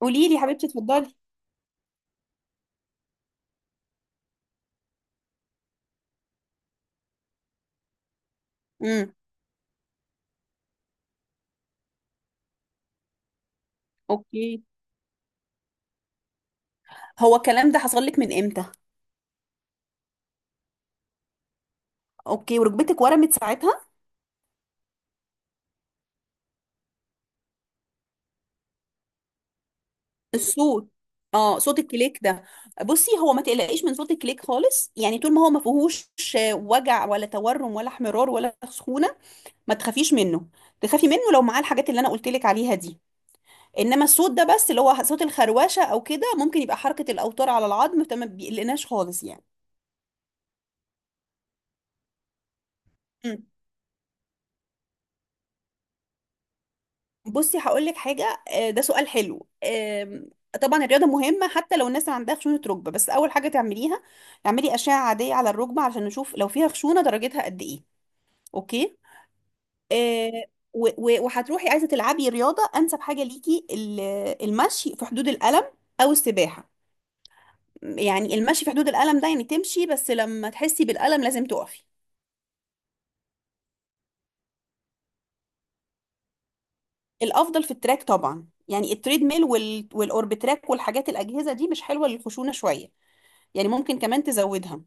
قولي لي يا حبيبتي، اتفضلي. امم. اوكي. هو الكلام ده حصل لك من امتى؟ اوكي، وركبتك ورمت ساعتها؟ الصوت. اه، صوت الكليك ده. بصي، هو ما تقلقيش من صوت الكليك خالص، يعني طول ما هو ما فيهوش وجع ولا تورم ولا احمرار ولا سخونه، ما تخافيش منه. تخافي منه لو معاه الحاجات اللي انا قلت لك عليها دي. انما الصوت ده بس، اللي هو صوت الخروشه او كده، ممكن يبقى حركه الاوتار على العظم، فما بيقلقناش خالص يعني. بصي، هقول لك حاجه، ده سؤال حلو. طبعا الرياضه مهمه حتى لو الناس ما عندها خشونه ركبه، بس اول حاجه تعمليها اعملي اشعه عاديه على الركبه عشان نشوف لو فيها خشونه درجتها قد ايه. اوكي. آه، وهتروحي عايزه تلعبي رياضه، انسب حاجه ليكي المشي في حدود الالم، او السباحه. يعني المشي في حدود الالم ده يعني تمشي، بس لما تحسي بالالم لازم تقفي. الافضل في التراك طبعا، يعني التريد ميل والاوربتراك والحاجات الاجهزه دي مش حلوه للخشونه شويه، يعني ممكن كمان تزودها.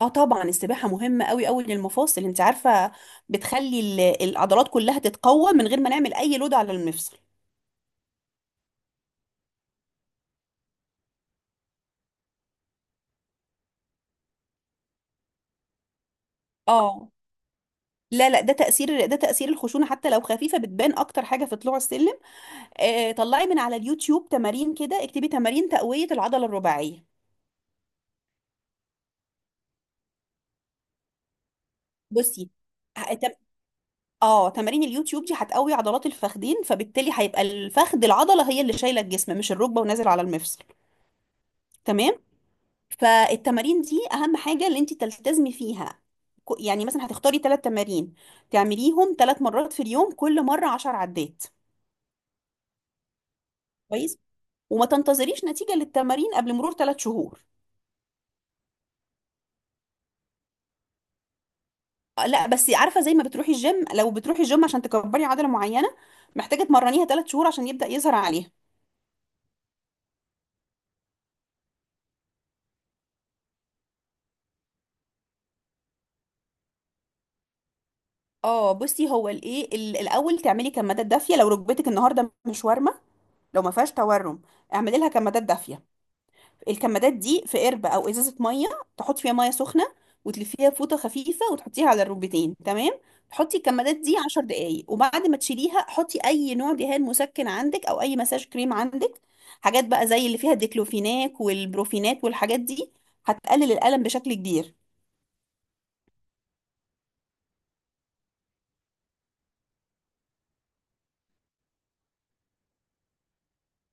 اه طبعا، السباحة مهمة قوي قوي للمفاصل، انت عارفة، بتخلي العضلات كلها تتقوى من غير ما نعمل اي لود على المفصل. اه، لا لا، ده تأثير، ده تأثير الخشونة، حتى لو خفيفة بتبان أكتر حاجة في طلوع السلم. آه، طلعي من على اليوتيوب تمارين كده، اكتبي تمارين تقوية العضلة الرباعية. بصي. ه- تم- اه، تمارين اليوتيوب دي هتقوي عضلات الفخدين، فبالتالي هيبقى الفخذ العضلة هي اللي شايلة الجسم، مش الركبة ونازل على المفصل. تمام. فالتمارين دي اهم حاجه اللي انت تلتزمي فيها. يعني مثلا هتختاري ثلاث تمارين، تعمليهم ثلاث مرات في اليوم، كل مره عشر عدات. كويس. وما تنتظريش نتيجه للتمارين قبل مرور ثلاث شهور. لا بس عارفه، زي ما بتروحي الجيم، لو بتروحي الجيم عشان تكبري عضله معينه محتاجه تمرنيها ثلاث شهور عشان يبدا يظهر عليها. اه بصي، هو الايه، الاول تعملي كمادات دافيه لو ركبتك النهارده مش وارمه. لو ما فيهاش تورم اعملي لها كمادات دافيه. الكمادات دي في قربة او ازازة مية، تحط فيها مية سخنة، وتلفيها فوطة خفيفة وتحطيها على الركبتين. تمام. تحطي الكمادات دي 10 دقايق، وبعد ما تشيليها حطي اي نوع دهان مسكن عندك او اي مساج كريم عندك. حاجات بقى زي اللي فيها الديكلوفيناك والبروفينات والحاجات دي هتقلل الألم بشكل كبير.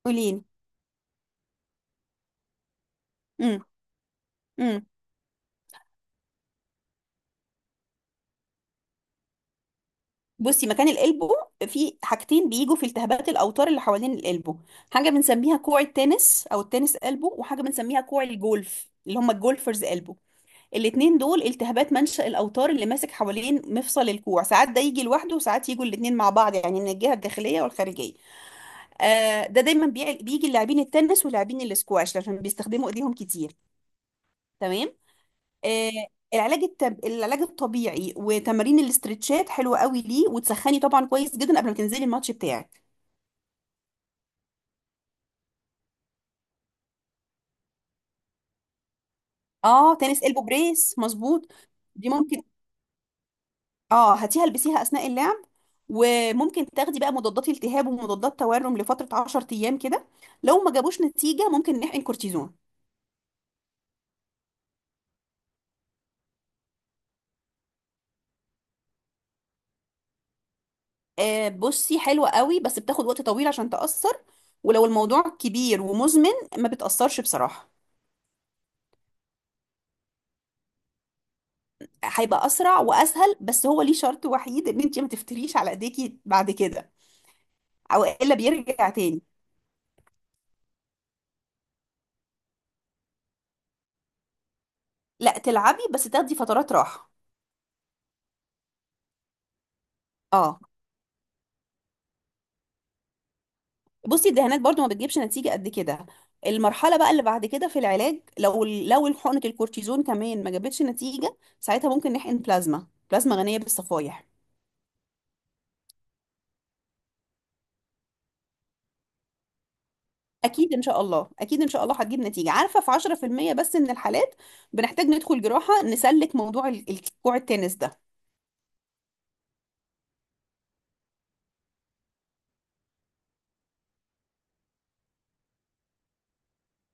قوليلي. امم. امم. بصي، مكان القلبه في حاجتين، بيجوا في التهابات الاوتار اللي حوالين القلبه. حاجه بنسميها كوع التنس او التنس قلبه، وحاجه بنسميها كوع الجولف، اللي هم الجولفرز قلبه. الاتنين دول التهابات منشأ الأوتار اللي ماسك حوالين مفصل الكوع. ساعات ده يجي لوحده، وساعات يجوا الاتنين مع بعض، يعني من الجهة الداخلية والخارجية. آه، ده دايما بيجي لاعبين التنس ولاعبين الاسكواش عشان بيستخدموا ايديهم كتير. تمام. آه، العلاج العلاج الطبيعي وتمارين الاسترتشات حلوة قوي ليه، وتسخني طبعا كويس جدا قبل ما تنزلي الماتش بتاعك. اه، تنس البو بريس، مظبوط. دي ممكن. اه، هاتيها البسيها اثناء اللعب. وممكن تاخدي بقى مضادات التهاب ومضادات تورم لفتره 10 ايام كده. لو ما جابوش نتيجه ممكن نحقن كورتيزون. آه بصي، حلوه قوي بس بتاخد وقت طويل عشان تاثر. ولو الموضوع كبير ومزمن ما بتاثرش بصراحه. هيبقى اسرع واسهل، بس هو ليه شرط وحيد، ان انت ما تفتريش على ايديكي بعد كده، او الا بيرجع تاني. لا تلعبي، بس تاخدي فترات راحه. اه بصي، الدهانات برضو ما بتجيبش نتيجة قد كده. المرحلة بقى اللي بعد كده في العلاج، لو حقنة الكورتيزون كمان ما جابتش نتيجة، ساعتها ممكن نحقن بلازما، بلازما غنية بالصفائح. أكيد إن شاء الله، أكيد إن شاء الله هتجيب نتيجة. عارفة، في 10% بس من الحالات بنحتاج ندخل جراحة نسلك موضوع الكوع التنس ده.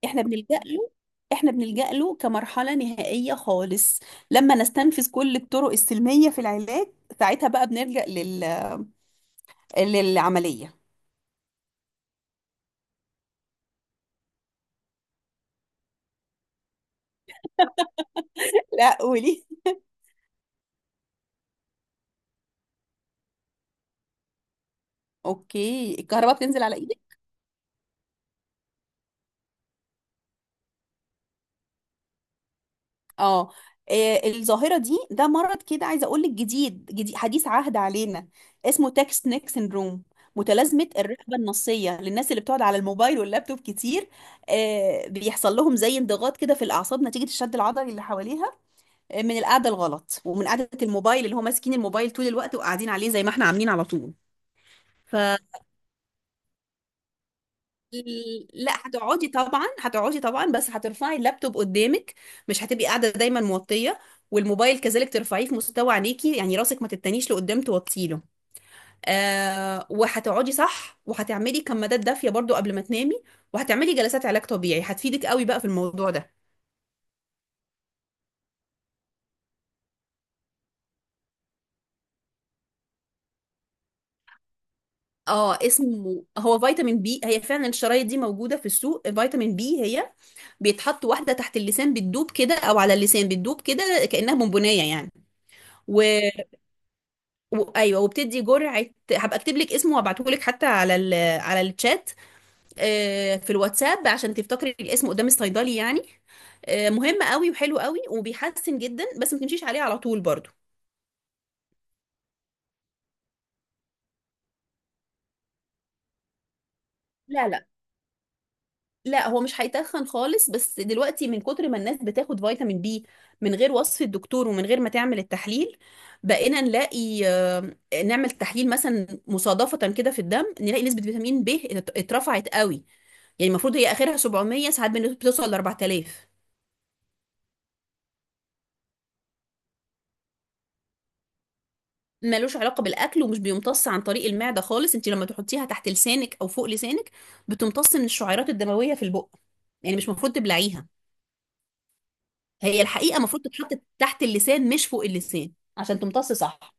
إحنا بنلجأ له، إحنا بنلجأ له كمرحلة نهائية خالص، لما نستنفذ كل الطرق السلمية في العلاج، ساعتها بقى بنلجأ للعملية. لا، قولي. اوكي، الكهرباء بتنزل على ايدك؟ اه. الظاهره دي، ده مرض كده عايزه اقول لك، جديد جديد، حديث عهد علينا. اسمه تاكس نيك سيندروم، متلازمه الرقبه النصيه، للناس اللي بتقعد على الموبايل واللابتوب كتير. بيحصل لهم زي انضغاط كده في الاعصاب نتيجه الشد العضلي اللي حواليها، من القعده الغلط ومن قعده الموبايل، اللي هو ماسكين الموبايل طول الوقت وقاعدين عليه زي ما احنا عاملين على طول. ف لا، هتقعدي طبعا، هتقعدي طبعا، بس هترفعي اللابتوب قدامك. مش هتبقي قاعده دايما موطيه. والموبايل كذلك ترفعيه في مستوى عينيكي، يعني راسك ما تتنيش لقدام توطيله. آه، وهتقعدي صح، وهتعملي كمادات دافيه برضو قبل ما تنامي، وهتعملي جلسات علاج طبيعي هتفيدك قوي بقى في الموضوع ده. اه، اسمه هو فيتامين بي، هي فعلا الشرايط دي موجوده في السوق. فيتامين بي هي بيتحط واحده تحت اللسان بتدوب كده، او على اللسان بتدوب كده، كانها بونبونيه يعني. و... ايوه، وبتدي جرعه. هبقى اكتب لك اسمه وابعته لك حتى على على الشات، في الواتساب، عشان تفتكري الاسم قدام الصيدلي يعني. مهم قوي وحلو قوي وبيحسن جدا، بس ما تمشيش عليه على طول برضو. لا لا، لا هو مش هيتخن خالص، بس دلوقتي من كتر ما الناس بتاخد فيتامين بي من غير وصف الدكتور ومن غير ما تعمل التحليل، بقينا نلاقي، نعمل تحليل مثلا مصادفة كده في الدم، نلاقي نسبة فيتامين ب اترفعت قوي. يعني المفروض هي اخرها 700، ساعات بتوصل ل 4000. ملوش علاقه بالاكل، ومش بيمتص عن طريق المعده خالص. انت لما تحطيها تحت لسانك او فوق لسانك بتمتص من الشعيرات الدمويه في البق، يعني مش المفروض تبلعيها. هي الحقيقه المفروض تتحط تحت اللسان مش فوق اللسان عشان تمتص صح.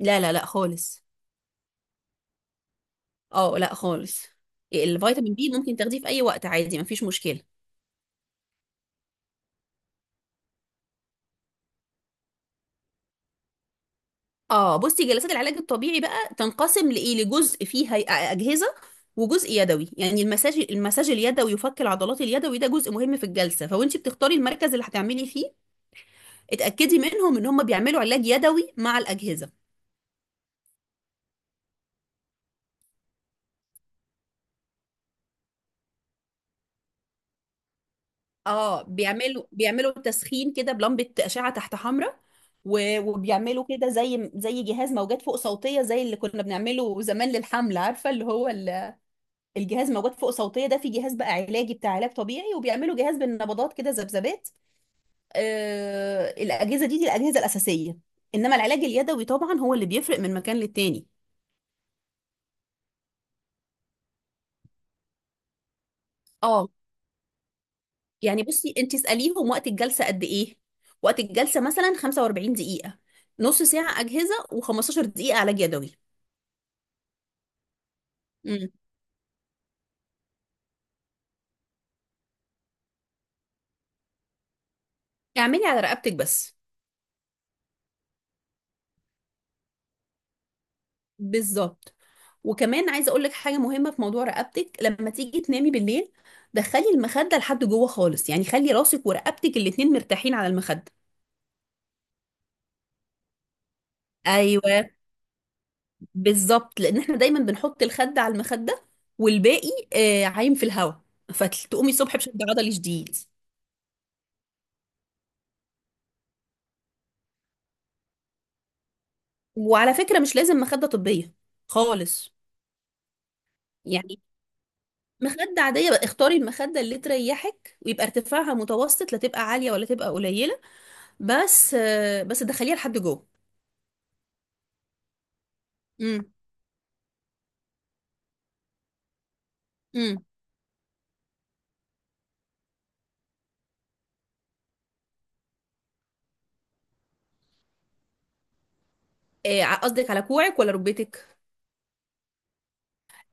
لا لا لا خالص. اه لا خالص. الفيتامين بي ممكن تاخديه في اي وقت عادي، مفيش مشكله. اه بصي، جلسات العلاج الطبيعي بقى تنقسم لايه، لجزء فيه اجهزه، وجزء يدوي يعني المساج. المساج اليدوي وفك العضلات اليدوي ده جزء مهم في الجلسه، فوانت بتختاري المركز اللي هتعملي فيه، اتاكدي منهم ان هم بيعملوا علاج يدوي مع الاجهزه. اه، بيعملوا بيعملوا تسخين كده بلمبه اشعه تحت حمراء، وبيعملوا كده زي جهاز موجات فوق صوتيه، زي اللي كنا بنعمله زمان للحمل، عارفه اللي هو الجهاز موجود فوق صوتيه ده، في جهاز بقى علاجي بتاع علاج طبيعي، وبيعملوا جهاز بالنبضات كده، ذبذبات. آه، الاجهزه دي، دي الاجهزه الاساسيه، انما العلاج اليدوي طبعا هو اللي بيفرق من مكان للتاني. اه، يعني بصي، انت اساليهم وقت الجلسه قد ايه. وقت الجلسه مثلا 45 دقيقه، نص ساعه اجهزه و15 دقيقه علاج يدوي. امم. اعملي على رقبتك بس. بالظبط، وكمان عايزه اقول لك حاجه مهمه في موضوع رقبتك. لما تيجي تنامي بالليل، دخلي المخده لحد جوه خالص، يعني خلي راسك ورقبتك الاتنين مرتاحين على المخده. ايوه، بالظبط، لان احنا دايما بنحط الخد على المخده، والباقي آه عايم في الهواء، فتقومي الصبح بشد عضلي شديد. وعلى فكره، مش لازم مخده طبيه خالص، يعني مخده عاديه بقى، اختاري المخده اللي تريحك ويبقى ارتفاعها متوسط، لا تبقى عاليه ولا تبقى قليله، بس بس دخليها لحد جوه. امم. امم. قصدك على كوعك ولا ركبتك؟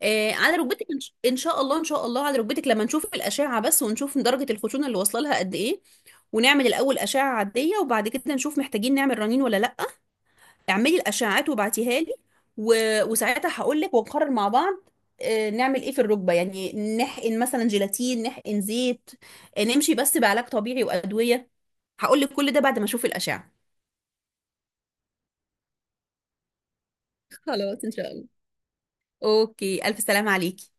على ركبتك إن شاء الله، إن شاء الله على ركبتك، لما نشوف الأشعة بس ونشوف درجة الخشونة اللي واصلة لها قد إيه. ونعمل الأول أشعة عادية، وبعد كده نشوف محتاجين نعمل رنين ولا لأ. اعملي الأشعات وبعتيها لي، و... وساعتها هقول لك ونقرر مع بعض، نعمل إيه في الركبة يعني. نحقن مثلا جيلاتين، نحقن زيت، نمشي بس بعلاج طبيعي وأدوية. هقول لك كل ده بعد ما أشوف الأشعة. خلاص إن شاء الله. أوكي، ألف سلامة عليكي.